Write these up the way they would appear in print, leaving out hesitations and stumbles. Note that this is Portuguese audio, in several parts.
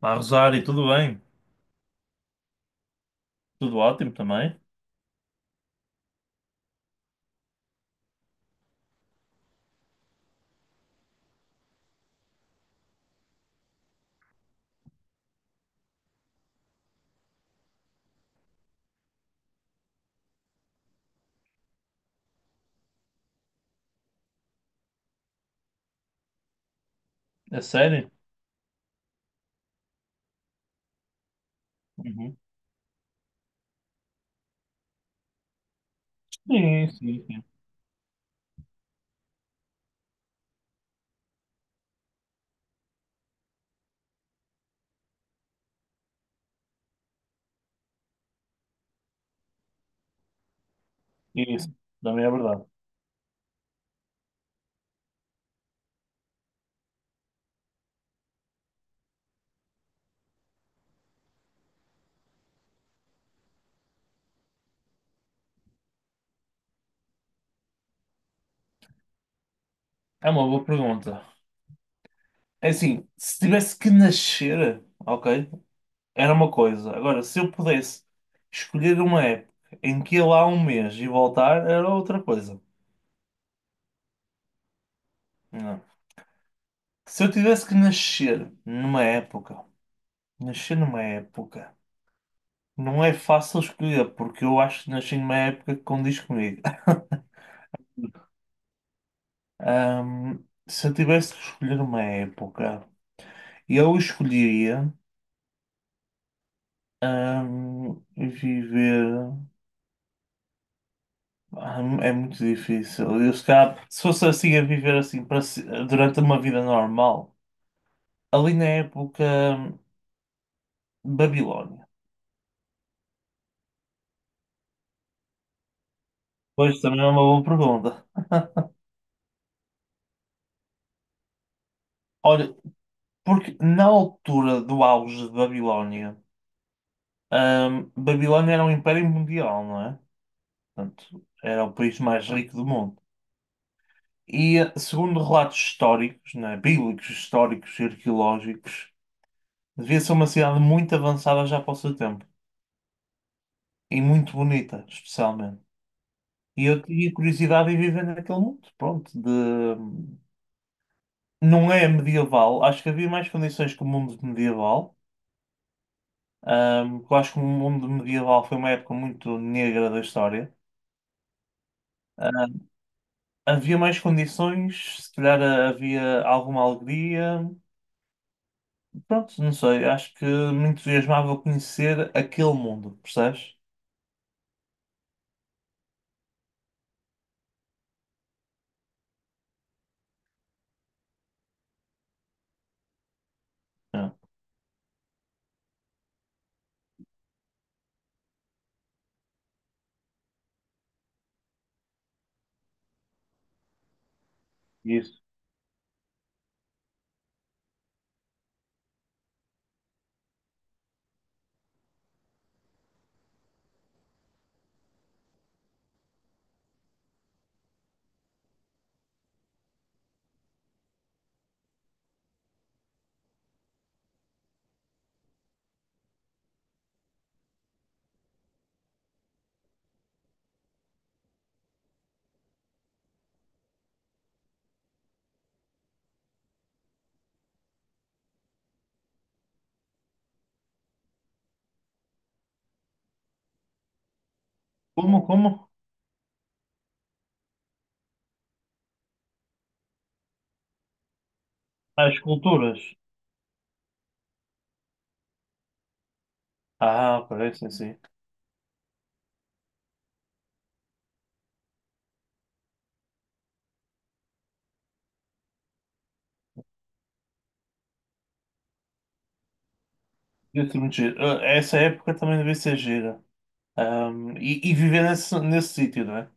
Olá, Rosário, tudo bem? Tudo ótimo também? É sério? Uhum. Sim, sim, sim. Isso, também é verdade. É uma boa pergunta. É assim, se tivesse que nascer, ok, era uma coisa. Agora, se eu pudesse escolher uma época em que ir lá um mês e voltar, era outra coisa. Não. Se eu tivesse que nascer numa época, não é fácil escolher, porque eu acho que nasci numa época que condiz comigo. Se eu tivesse que escolher uma época, eu escolheria viver. Ah, é muito difícil. Eu, se calhar, se fosse assim a viver assim para durante uma vida normal, ali na época hum, Babilónia. Pois também é uma boa pergunta. Olha, porque na altura do auge de Babilónia, Babilónia era um império mundial, não é? Portanto, era o país mais rico do mundo. E, segundo relatos históricos, né, bíblicos, históricos e arqueológicos, devia ser uma cidade muito avançada já para o seu tempo. E muito bonita, especialmente. E eu tinha curiosidade em viver naquele mundo. Pronto. Não é medieval. Acho que havia mais condições que o mundo medieval. Porque eu acho que o mundo medieval foi uma época muito negra da história. Havia mais condições, se calhar havia alguma alegria. Pronto, não sei, acho que me entusiasmava conhecer aquele mundo, percebes? É. Isso. Como? As culturas. Ah, parece sim, sim. Deve ser muito giro. Ah, essa época também devia ser gira. E viver nesse sítio, não é?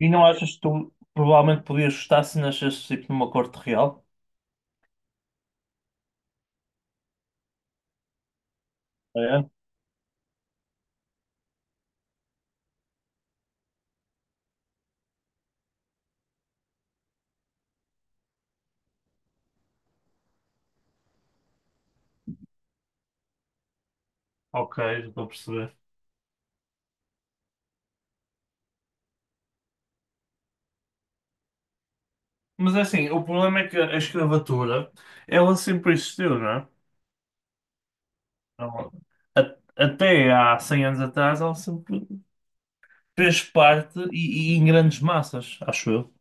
E não achas que tu provavelmente podias gostar se nascesse tipo numa corte real? É? Ok, já estou a perceber. Mas é assim, o problema é que a escravatura, ela sempre existiu, não é? Ela- a- até há 100 anos atrás, ela sempre fez parte e em grandes massas, acho eu.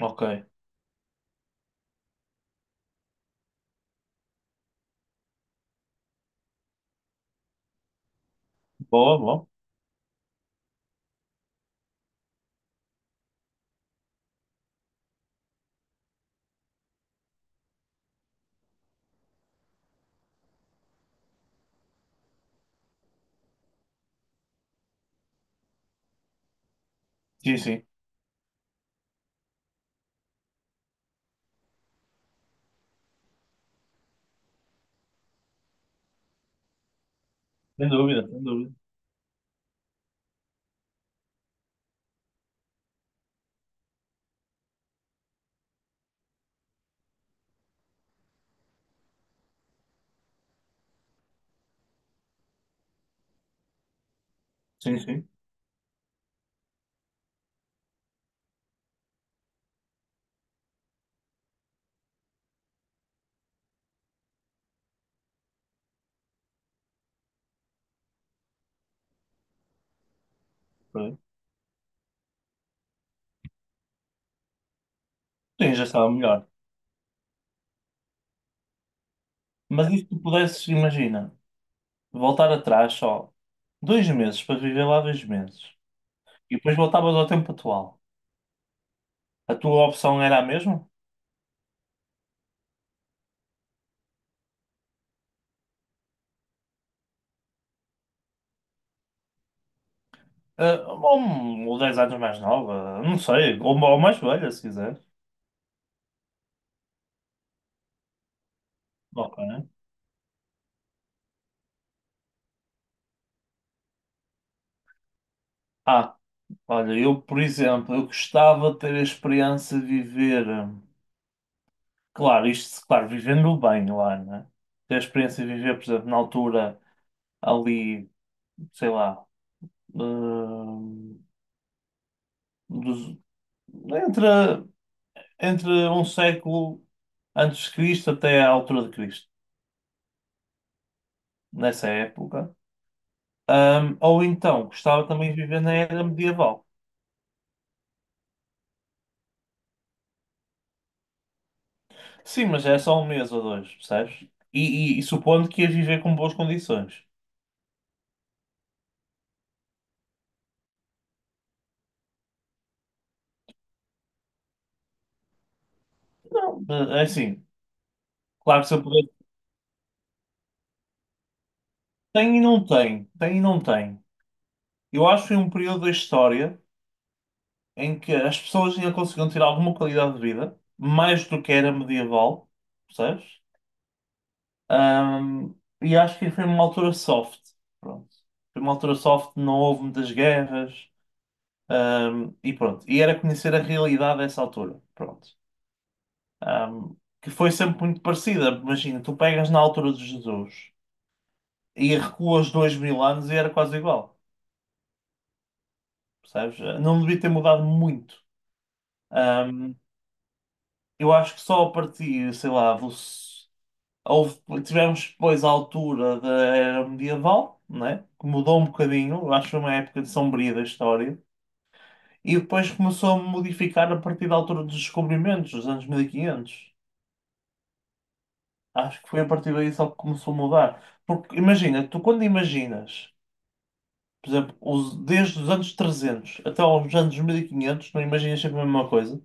Ok. Boa, boa. Sim, sim. Sem dúvida, sem dúvida. Sim, sim. Por aí. Sim, já estava melhor. Mas e se tu pudesses, imagina, voltar atrás só 2 meses para viver lá 2 meses e depois voltavas ao tempo atual, a tua opção era a mesma? Ah, ou 10 anos mais nova, não sei, ou mais velha, se quiseres. Ok. Ah, olha, eu, por exemplo, eu gostava de ter a experiência de viver. Claro, isto, claro, vivendo bem lá, né? Ter a experiência de viver, por exemplo, na altura ali, sei lá, hum, dos- entre, entre um século antes de Cristo até à altura de Cristo, nessa época. Ou então, gostava também de viver na era medieval. Sim, mas é só um mês ou dois, percebes? E supondo que ias viver com boas condições. Não, é assim, claro que se eu puder. Tem e não tem, tem e não tem. Eu acho que foi um período da história em que as pessoas ainda conseguiam ter alguma qualidade de vida, mais do que era medieval, percebes? Ahm, e acho que foi uma altura soft, pronto. Foi uma altura soft, não houve muitas guerras, e pronto. E era conhecer a realidade dessa altura, pronto. Ahm, que foi sempre muito parecida. Imagina, tu pegas na altura de Jesus e recuas 2000 anos e era quase igual, percebes? Não devia ter mudado muito. Eu acho que só a partir, sei lá, tivemos depois a altura da era medieval, né? Que mudou um bocadinho, eu acho que foi uma época de sombria da história, e depois começou a modificar a partir da altura dos descobrimentos, dos anos 1500. Acho que foi a partir daí só que começou a mudar. Porque imagina, tu quando imaginas, por exemplo, desde os anos 300 até aos anos 1500 não imaginas sempre a mesma coisa?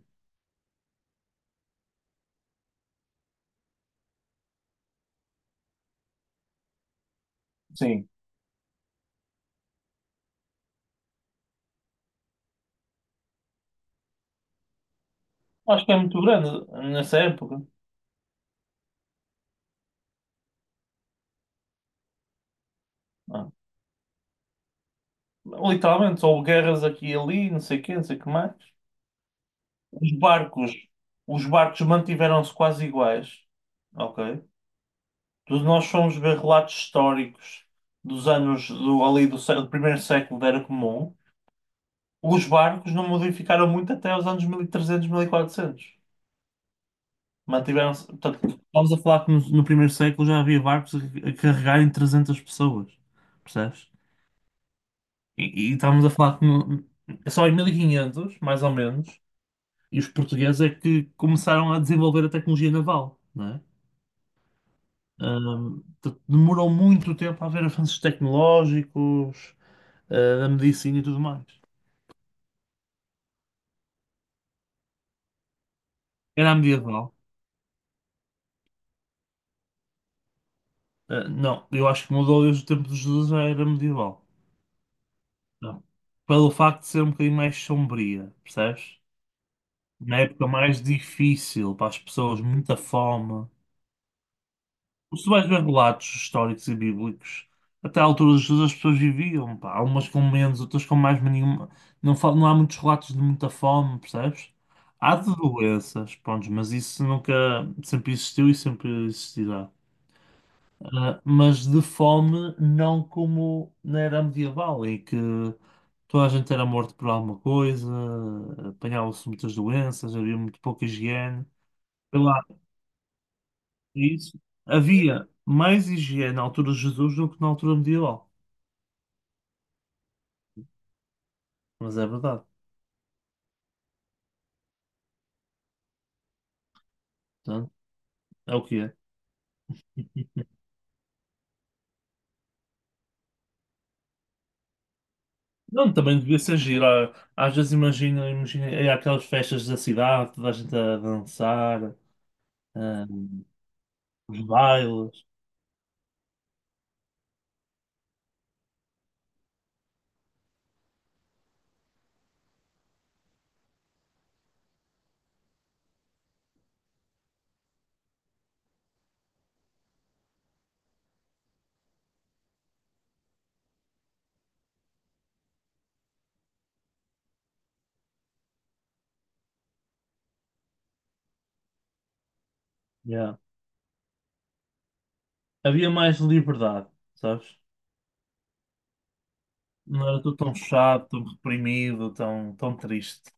Sim. Acho que é muito grande nessa época. Literalmente, houve guerras aqui e ali, não sei o quê, não sei o que mais. Os barcos, os barcos mantiveram-se quase iguais, ok? Nós fomos ver relatos históricos dos anos do, ali do, do primeiro século da Era Comum. Os barcos não modificaram muito até os anos mil mil e trezentos mil e quatrocentos. Mantiveram-se, portanto, estamos a falar que no primeiro século já havia barcos a carregarem 300 pessoas, percebes? E estávamos a falar que só em 1500, mais ou menos, e os portugueses é que começaram a desenvolver a tecnologia naval, não é? Portanto, demorou muito tempo a haver avanços tecnológicos, da medicina e tudo mais. Era medieval? Ah, não, eu acho que mudou desde o tempo de Jesus, já era medieval. Não. Pelo facto de ser um bocadinho mais sombria, percebes? Uma época mais difícil para as pessoas, muita fome. Se tu vais ver relatos históricos e bíblicos, até à altura de Jesus as pessoas viviam, pá. Há umas com menos, outras com mais, mas nenhuma. Não, não há muitos relatos de muita fome, percebes? Há de doenças, pronto, mas isso nunca, sempre existiu e sempre existirá. Ah, mas de fome, não como na era medieval, em que toda a gente era morto por alguma coisa, apanhavam-se muitas doenças, havia muito pouca higiene. É, isso. Havia mais higiene na altura de Jesus do que na altura medieval. Mas é verdade. Portanto, é o que é. Não, também devia ser giro. Ah, às vezes imagino é aquelas festas da cidade, toda a gente a dançar, ah, os bailes. Yeah. Havia mais liberdade, sabes? Não era tudo tão chato, tão reprimido, tão, tão triste.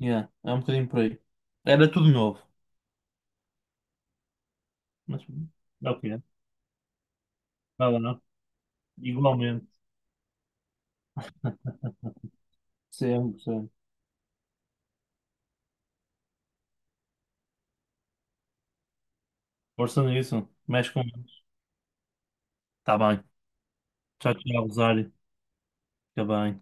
Yeah. É um bocadinho por aí. Era tudo novo. Mas é o que é. Vai lá. Igualmente. Sempre, sempre. Força nisso. Mexe com. Tá bem. Tchau, tchau, Rosário. Fica bem.